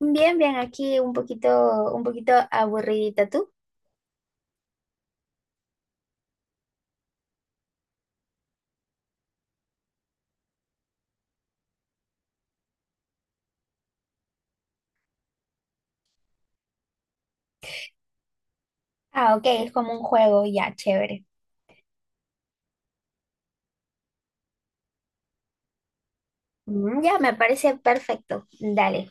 Bien, bien, aquí un poquito aburridita tú. Ah, ok, es como un juego, ya, chévere. Mm, ya, me parece perfecto. Dale.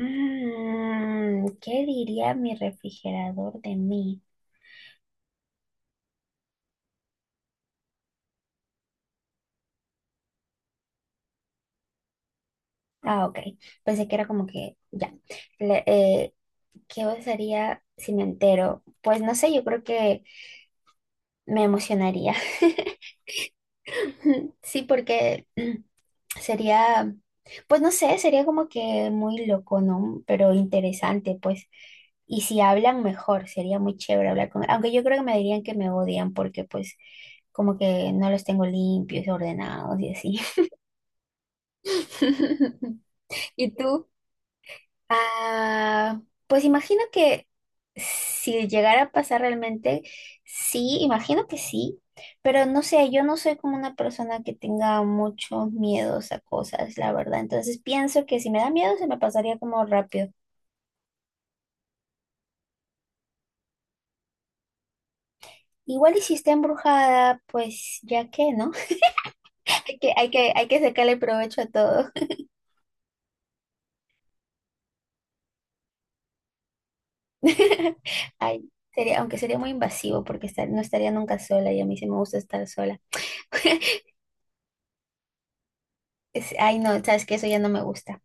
¿Qué diría mi refrigerador de mí? Ah, ok. Pensé que era como que, ya. Le- eh, ¿Qué pasaría si me entero? Pues no sé, yo creo que me emocionaría. Sí, porque sería, pues no sé, sería como que muy loco, ¿no? Pero interesante, pues. Y si hablan mejor, sería muy chévere hablar con. Aunque yo creo que me dirían que me odian porque pues como que no los tengo limpios, ordenados y así. ¿Y tú? Ah, pues imagino que si llegara a pasar realmente, sí, imagino que sí, pero no sé, yo no soy como una persona que tenga muchos miedos a cosas, la verdad. Entonces pienso que si me da miedo se me pasaría como rápido. Igual y si está embrujada, pues ya que, ¿no? Hay que sacarle provecho a todo. Ay, sería, aunque sería muy invasivo porque no estaría nunca sola y a mí sí me gusta estar sola. Ay, no, sabes que eso ya no me gusta.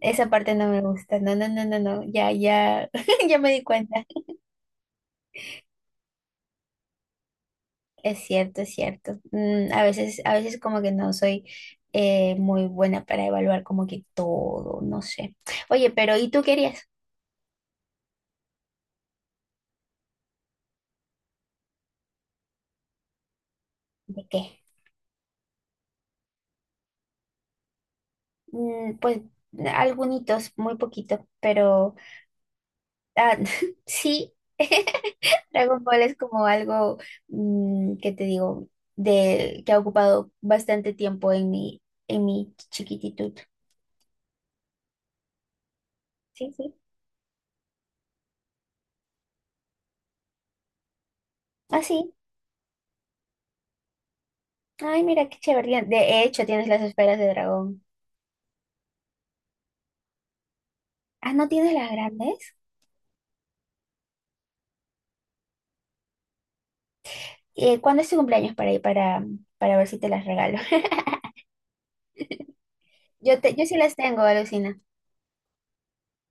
Esa parte no me gusta. No, no, no, no, no. Ya, ya, ya me di cuenta. Es cierto, es cierto. A veces como que no soy muy buena para evaluar como que todo, no sé. Oye, pero ¿y tú querías? ¿De qué? Pues algunitos, muy poquito, pero ah, sí. Dragon Ball es como algo que te digo, de que ha ocupado bastante tiempo en mi chiquititud. Sí, sí. Así. Ay, mira qué chévere. De hecho, tienes las esferas de dragón. Ah, ¿no tienes las grandes? ¿Cuándo es tu cumpleaños para ir para ver si te las regalo? Yo sí las tengo, alucina.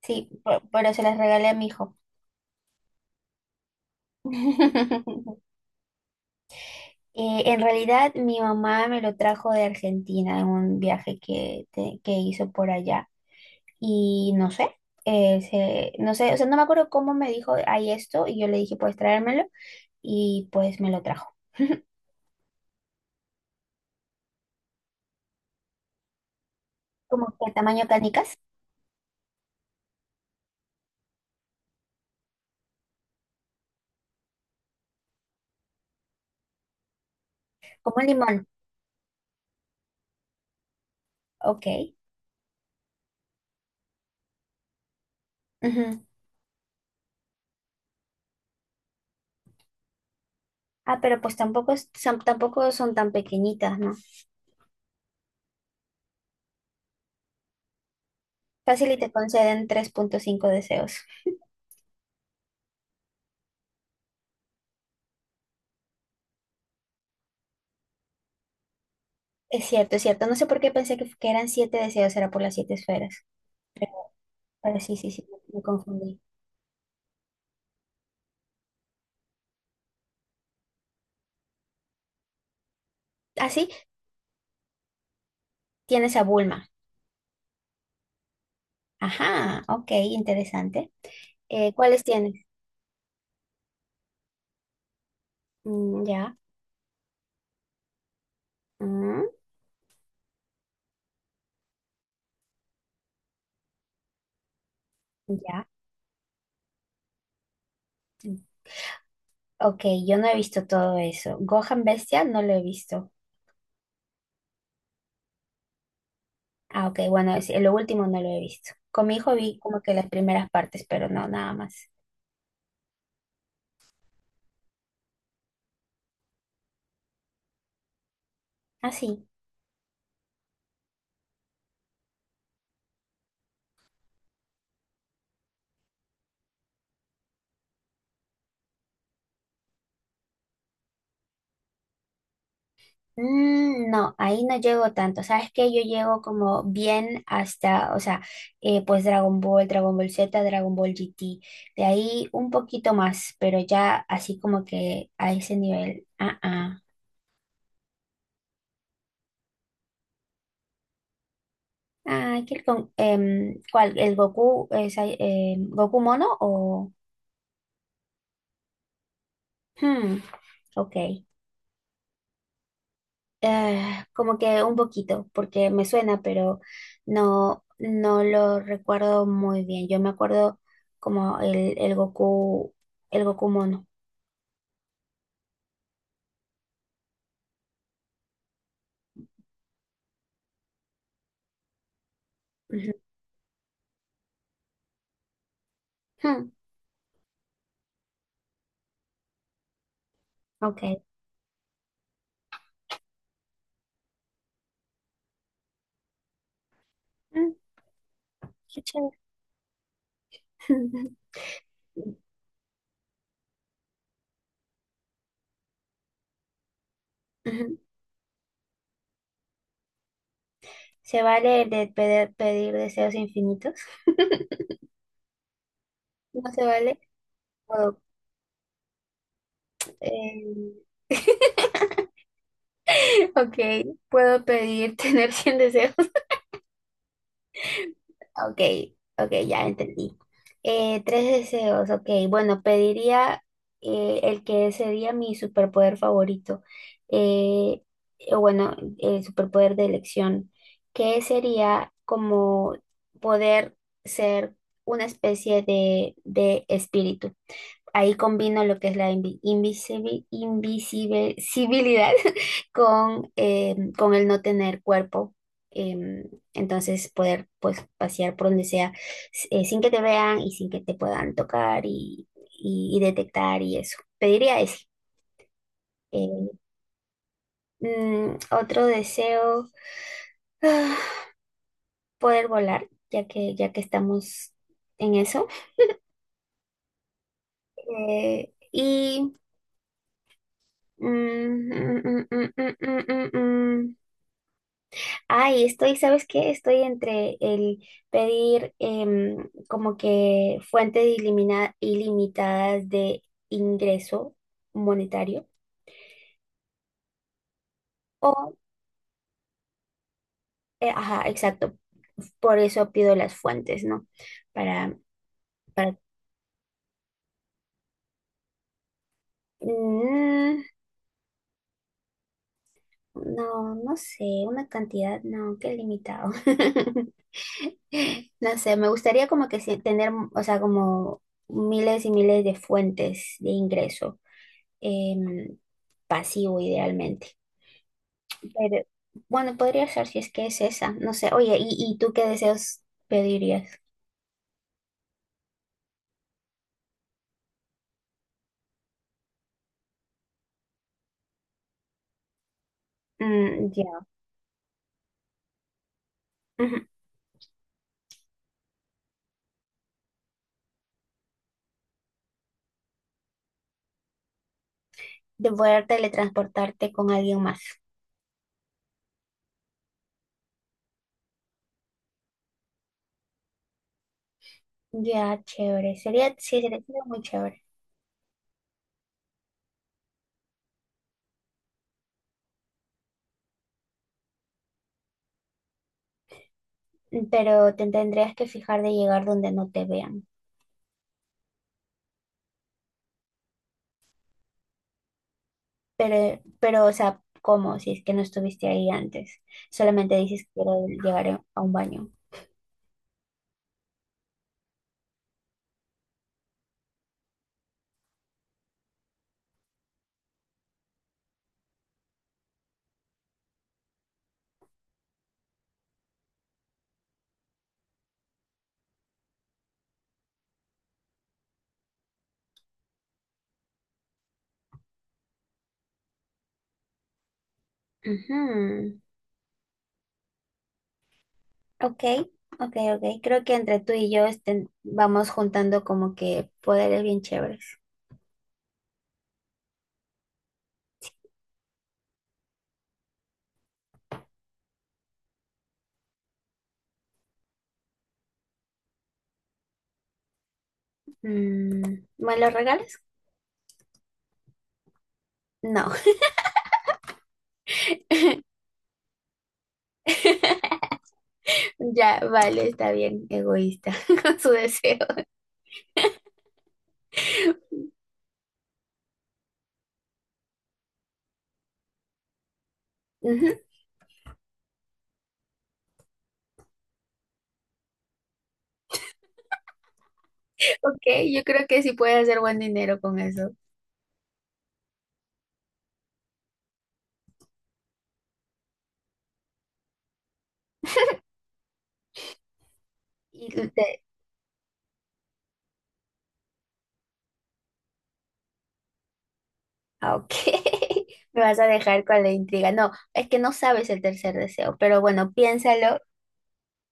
Sí, pero se las regalé a mi hijo. En realidad, mi mamá me lo trajo de Argentina en un viaje que hizo por allá. Y no sé, no sé, o sea, no me acuerdo cómo me dijo, hay esto, y yo le dije, puedes traérmelo, y pues me lo trajo. Como que tamaño canicas, como un limón. Ok. Ujú. Ah, pero pues tampoco son tan pequeñitas, ¿no? Fácil y te conceden 3.5 deseos. Es cierto, es cierto. No sé por qué pensé que eran siete deseos, era por las siete esferas. Pero, pero sí, sí, sí, me confundí. Ah, sí, tienes a Bulma. Ajá, ok, interesante. ¿Cuáles tienes? Mm, ya, mm, ya. Ok, yo no he visto todo eso. Gohan Bestia no lo he visto. Ah, ok, bueno, lo último no lo he visto. Con mi hijo vi como que las primeras partes, pero no, nada más. Ah, sí. Mm, no, ahí no llego tanto. Sabes que yo llego como bien hasta, o sea, pues Dragon Ball, Dragon Ball Z, Dragon Ball GT. De ahí un poquito más, pero ya así como que a ese nivel. Ah, ah. Ah, ¿Cuál? ¿El Goku, es, ahí, em, Goku mono o? Hmm, ok. Eh, Como que un poquito, porque me suena, pero no, no lo recuerdo muy bien. Yo me acuerdo como el Goku mono. Ujú. Hmm, Ok. Mm, Qué chévere. Ujú. ¿Se vale el de pedir deseos infinitos? ¿No se vale? Puedo, eh, ok, puedo pedir tener 100 deseos. Ok, ok, ya entendí. Tres deseos, ok. Bueno, pediría el que sería mi superpoder favorito. Eh, o bueno, el superpoder de elección, que sería como poder ser una especie de espíritu. Ahí combino lo que es la invisibilidad con el no tener cuerpo. em, entonces poder pues pasear por donde sea sin que te vean y sin que te puedan tocar y detectar y eso. Pediría ese. Eh, Otro deseo, poder volar, ya que estamos en eso. Eh, y... mm, mm, mm, mm, mm, mm, mm, mm. Ay, estoy, ¿sabes qué? Estoy entre el pedir como que fuentes ilimitadas de ingreso monetario o, ajá, exacto, por eso pido las fuentes, ¿no? Para, para, mm, no, no sé, una cantidad, no, qué limitado. No sé, me gustaría como que tener, o sea, como miles y miles de fuentes de ingreso. em, Pasivo idealmente. Pero bueno, podría ser si es que es esa, no sé. Oye, ¿Y tú qué deseos pedirías? Mm, ya. Ujú. De poder teletransportarte con alguien más. Ya, chévere. Sería, sí, sería muy chévere. Pero te tendrías que fijar de llegar donde no te vean. Pero, o sea, ¿cómo? Si es que no estuviste ahí antes. Solamente dices que quiero llegar a un baño. Ujú. Ok, ok, ok. Creo que entre tú y yo estén, vamos juntando como que poderes bien chéveres. Mm, ¿Me los regales? No. Ya, vale, está bien, egoísta con su deseo. Ujú, Ok, yo creo que sí puedes hacer buen dinero con eso. Y te... Ok, me vas a dejar con la intriga. No, es que no sabes el tercer deseo, pero bueno, piénsalo.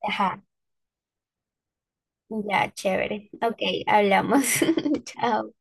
Ajá, ya, chévere. Ok, hablamos. Chao.